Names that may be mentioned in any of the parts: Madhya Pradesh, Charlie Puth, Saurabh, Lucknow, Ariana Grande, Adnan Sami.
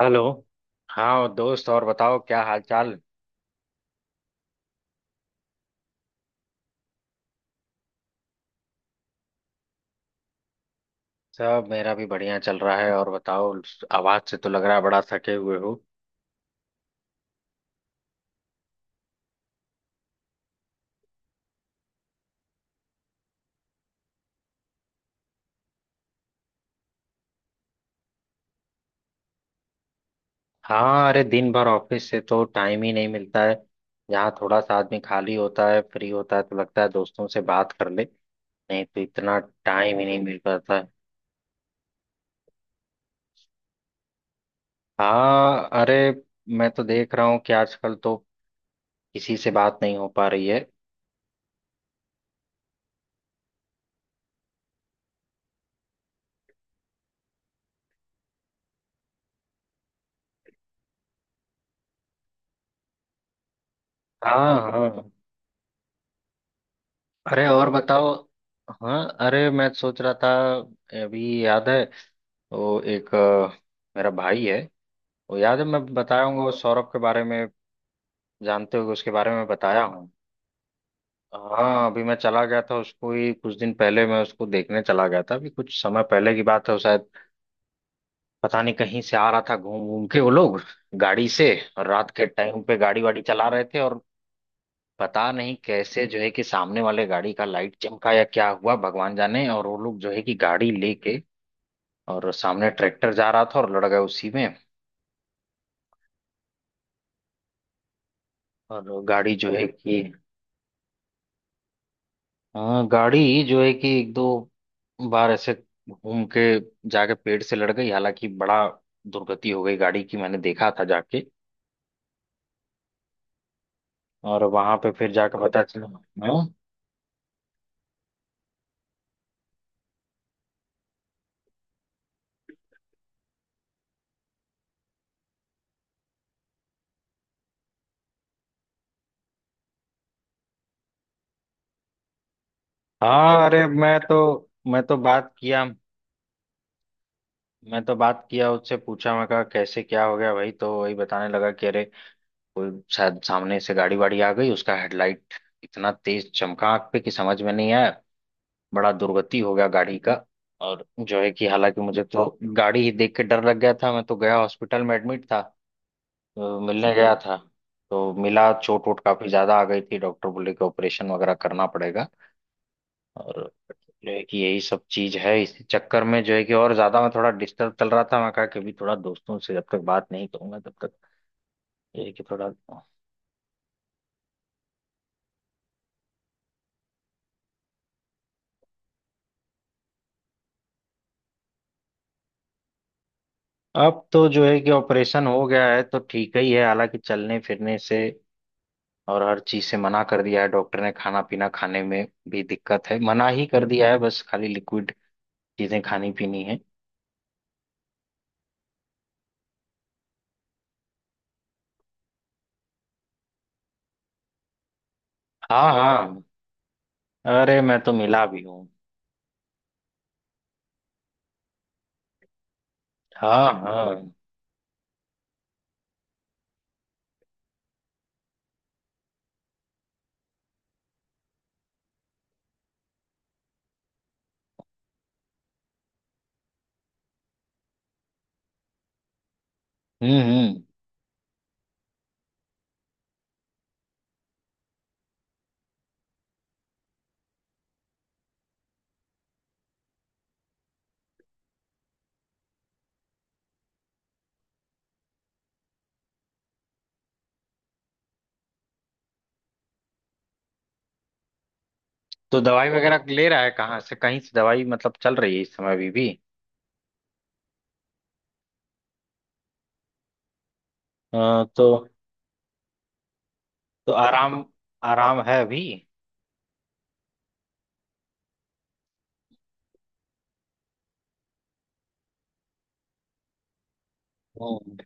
Hello. हाँ दोस्त, और बताओ क्या हाल चाल? सब मेरा भी बढ़िया चल रहा है। और बताओ। आवाज से तो लग रहा है बड़ा थके हुए हो। हाँ, अरे दिन भर ऑफिस से तो टाइम ही नहीं मिलता है। यहाँ थोड़ा सा आदमी खाली होता है, फ्री होता है तो लगता है दोस्तों से बात कर ले। नहीं तो इतना टाइम ही नहीं मिल पाता है। हाँ, अरे मैं तो देख रहा हूँ कि आजकल तो किसी से बात नहीं हो पा रही है। हाँ हाँ, अरे और बताओ। हाँ, अरे मैं सोच रहा था अभी याद है तो एक मेरा भाई है। वो याद है मैं बताया हूँ वो सौरभ के बारे में। जानते हो उसके बारे में बताया हूँ? हाँ, अभी मैं चला गया था उसको ही, कुछ दिन पहले मैं उसको देखने चला गया था। अभी कुछ समय पहले की बात है, वो शायद पता नहीं कहीं से आ रहा था, घूम घूम के वो लोग, गाड़ी से। और रात के टाइम पे गाड़ी वाड़ी चला रहे थे, और पता नहीं कैसे जो है कि सामने वाले गाड़ी का लाइट चमका या क्या हुआ भगवान जाने, और वो लोग जो है कि गाड़ी लेके, और सामने ट्रैक्टर जा रहा था और लड़ गए उसी में। और गाड़ी जो है कि। हाँ, गाड़ी जो है कि एक दो बार ऐसे घूम के जाके पेड़ से लड़ गई। हालांकि बड़ा दुर्गति हो गई गाड़ी की, मैंने देखा था जाके। और वहां पे फिर जाकर पता चला। हाँ हाँ, अरे मैं तो बात किया। मैं तो बात किया, उससे पूछा मैं कहा कैसे क्या हो गया भाई तो वही बताने लगा कि अरे कोई शायद सामने से गाड़ी वाड़ी आ गई, उसका हेडलाइट इतना तेज चमका आग पे कि समझ में नहीं आया। बड़ा दुर्गति हो गया गाड़ी का। और जो है कि हालांकि मुझे तो गाड़ी ही देख के डर लग गया था। मैं तो गया, हॉस्पिटल में एडमिट था। तो मिलने गया था। तो मिला, चोट वोट काफी ज्यादा आ गई थी। डॉक्टर बोले कि ऑपरेशन वगैरह करना पड़ेगा। और जो है कि यही सब चीज है, इस चक्कर में जो है कि और ज्यादा मैं थोड़ा डिस्टर्ब चल रहा था। मैं कहा कि अभी थोड़ा दोस्तों से जब तक बात नहीं करूंगा तब तक। ये है कि थोड़ा। अब तो जो है कि ऑपरेशन हो गया है तो ठीक ही है। हालांकि चलने फिरने से और हर चीज से मना कर दिया है डॉक्टर ने। खाना पीना खाने में भी दिक्कत है, मना ही कर दिया है, बस खाली लिक्विड चीजें खानी पीनी है। हाँ हाँ, अरे मैं तो मिला भी हूँ। हाँ हाँ। हम्म। तो दवाई वगैरह ले रहा है, कहाँ से कहीं से दवाई मतलब चल रही है इस समय अभी भी तो। तो आराम आराम है अभी। हम्म।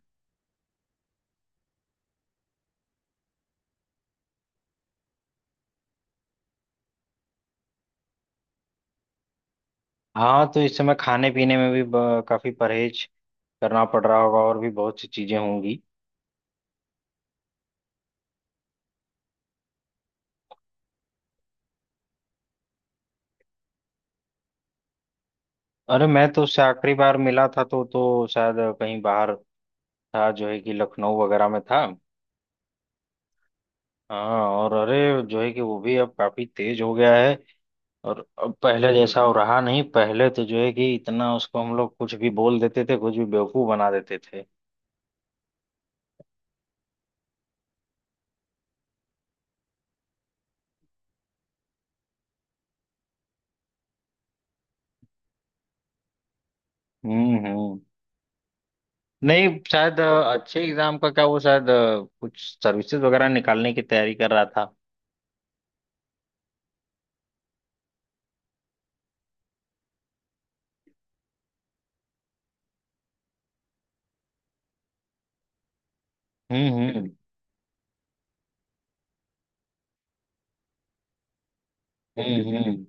हाँ, तो इस समय खाने पीने में भी काफी परहेज करना पड़ रहा होगा। और भी बहुत सी चीजें होंगी। अरे मैं तो उससे आखिरी बार मिला था तो शायद कहीं बाहर था, जो है कि लखनऊ वगैरह में था। हाँ, और अरे जो है कि वो भी अब काफी तेज हो गया है। और अब पहले जैसा वो रहा नहीं। पहले तो जो है कि इतना उसको हम लोग कुछ भी बोल देते थे, कुछ भी बेवकूफ बना देते थे। हम्म। नहीं शायद अच्छे एग्जाम का क्या, वो शायद कुछ सर्विसेज वगैरह निकालने की तैयारी कर रहा था। हम्म। हम्म।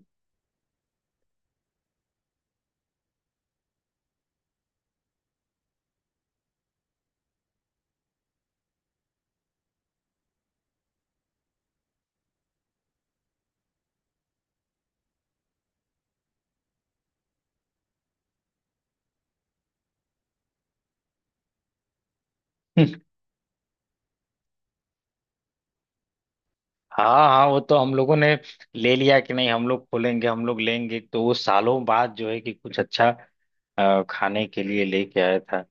हाँ हाँ, वो तो हम लोगों ने ले लिया कि नहीं हम लोग खोलेंगे, हम लोग लेंगे। तो वो सालों बाद जो है कि कुछ अच्छा खाने के लिए लेके आया था।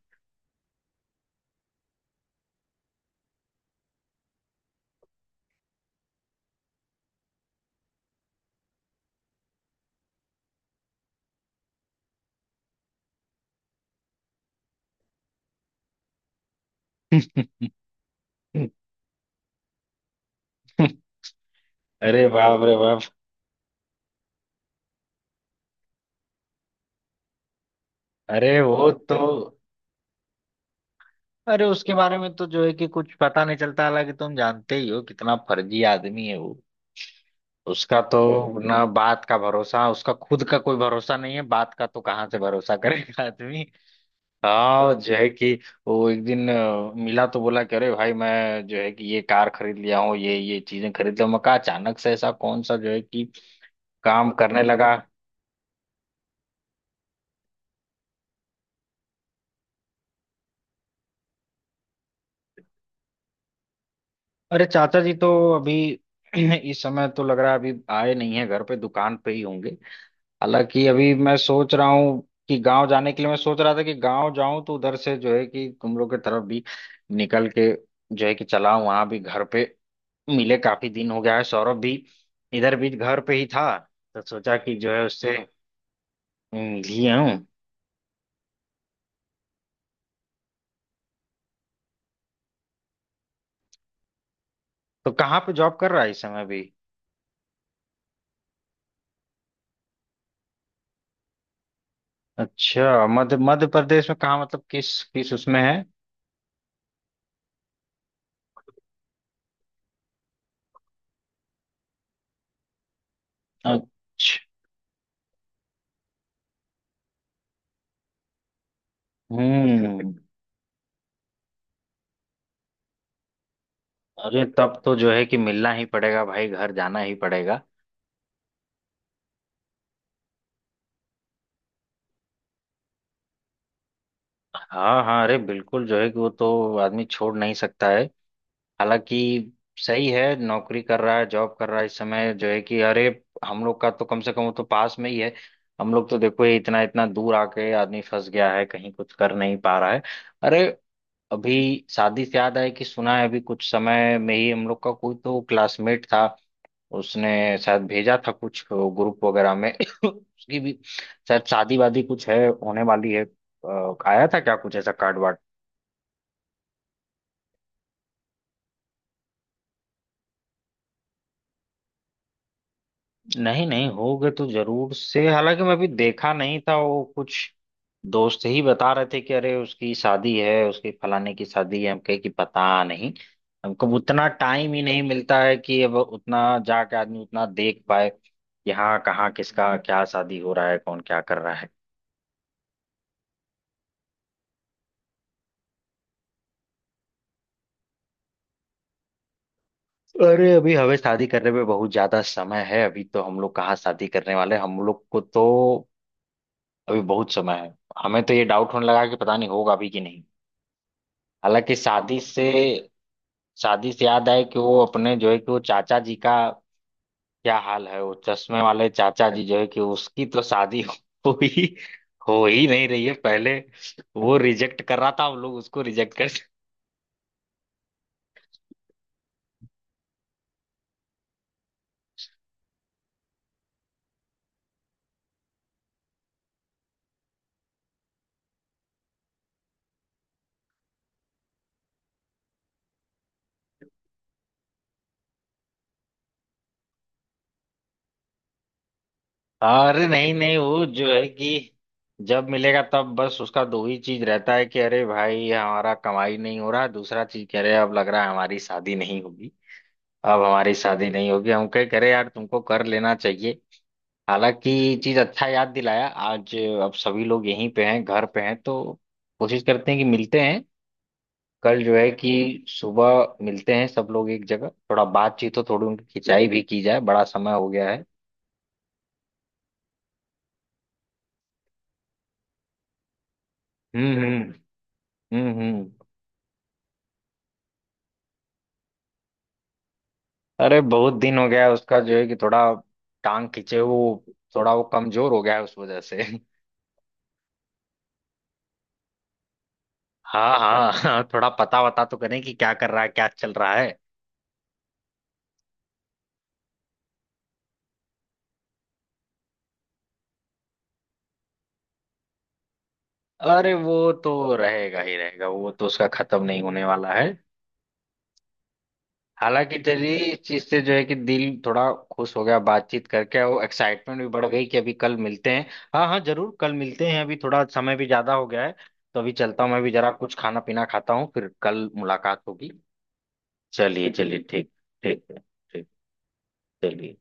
अरे बाप रे बाप। अरे वो तो। अरे उसके बारे में तो जो है कि कुछ पता नहीं चलता। हालांकि तुम जानते ही हो कितना फर्जी आदमी है वो। उसका तो ना बात का भरोसा, उसका खुद का कोई भरोसा नहीं है, बात का तो कहाँ से भरोसा करेगा आदमी। हाँ जो है कि वो एक दिन मिला तो बोला कि अरे भाई मैं जो है कि ये कार खरीद लिया हूँ, ये चीजें खरीद लिया हूँ। मैं कहा अचानक से ऐसा कौन सा जो है कि काम करने लगा। अरे चाचा जी तो अभी इस समय तो लग रहा है अभी आए नहीं है घर पे, दुकान पे ही होंगे। हालांकि अभी मैं सोच रहा हूँ कि गांव जाने के लिए, मैं सोच रहा था कि गांव जाऊं तो उधर से जो है कि तुम लोग की तरफ भी निकल के जो है कि चला वहां भी घर पे मिले, काफी दिन हो गया है। सौरभ भी इधर भी घर पे ही था, तो सोचा कि जो है उससे। लिए हूँ। तो कहाँ पे जॉब कर रहा है इस समय भी? अच्छा मध्य मध्य प्रदेश में कहाँ, मतलब किस किस उसमें है? अच्छा। हम्म। अरे तब तो जो है कि मिलना ही पड़ेगा भाई, घर जाना ही पड़ेगा। हाँ हाँ, अरे बिल्कुल जो है कि वो तो आदमी छोड़ नहीं सकता है। हालांकि सही है, नौकरी कर रहा है, जॉब कर रहा है इस समय जो है कि, अरे हम लोग का तो कम से कम वो तो पास में ही है। हम लोग तो देखो ये इतना इतना दूर आके आदमी फंस गया है, कहीं कुछ कर नहीं पा रहा है। अरे अभी शादी से याद आए कि सुना है अभी कुछ समय में ही हम लोग का कोई तो क्लासमेट था, उसने शायद भेजा था कुछ ग्रुप वगैरह में उसकी भी शायद शादी वादी कुछ है, होने वाली है। आया था क्या कुछ ऐसा कार्ड? नहीं नहीं, होगे तो जरूर से। हालांकि मैं भी देखा नहीं था वो, कुछ दोस्त ही बता रहे थे कि अरे उसकी शादी है, उसकी फलाने की शादी है। हम कहे कि पता नहीं। हमको उतना टाइम ही नहीं मिलता है कि अब उतना जाके आदमी उतना देख पाए कि हाँ कहाँ किसका क्या शादी हो रहा है, कौन क्या कर रहा है। अरे अभी हमें शादी करने में बहुत ज्यादा समय है, अभी तो हम लोग कहाँ शादी करने वाले हैं। हम लोग को तो अभी बहुत समय है। हमें तो ये डाउट होने लगा कि पता नहीं होगा अभी कि नहीं। हालांकि शादी से याद आए कि वो अपने जो है कि वो चाचा जी का क्या हाल है, वो चश्मे वाले चाचा जी जो है कि उसकी तो शादी हो ही हो ही नहीं रही है पहले। वो रिजेक्ट कर रहा था, हम लोग उसको रिजेक्ट कर। अरे नहीं नहीं, वो जो है कि जब मिलेगा तब बस उसका दो ही चीज रहता है कि अरे भाई हमारा कमाई नहीं हो रहा है, दूसरा चीज कह रहे अब लग रहा है हमारी शादी नहीं होगी। अब हमारी शादी नहीं होगी। हम कह करे यार तुमको कर लेना चाहिए। हालांकि ये चीज अच्छा याद दिलाया आज। अब सभी लोग यहीं पे हैं, घर पे हैं तो कोशिश करते हैं कि मिलते हैं। कल जो है कि सुबह मिलते हैं सब लोग एक जगह, थोड़ा बातचीत हो, थोड़ी उनकी खिंचाई भी की जाए, बड़ा समय हो गया है। हम्म। हम्म। अरे बहुत दिन हो गया है उसका जो है कि, थोड़ा टांग खींचे वो। थोड़ा वो कमजोर हो गया है उस वजह से। हाँ हाँ, हाँ, थोड़ा पता वता तो करें कि क्या कर रहा है, क्या चल रहा है। अरे वो तो रहेगा ही रहेगा, वो तो उसका खत्म नहीं होने वाला है। हालांकि चलिए इस चीज से जो है कि दिल थोड़ा खुश हो गया बातचीत करके, और एक्साइटमेंट भी बढ़ गई कि अभी कल मिलते हैं। हाँ हाँ, जरूर कल मिलते हैं, अभी थोड़ा समय भी ज्यादा हो गया है। तो अभी चलता हूँ, मैं भी जरा कुछ खाना पीना खाता हूँ, फिर कल मुलाकात होगी। चलिए चलिए, ठीक। ठीक है, ठीक। चलिए।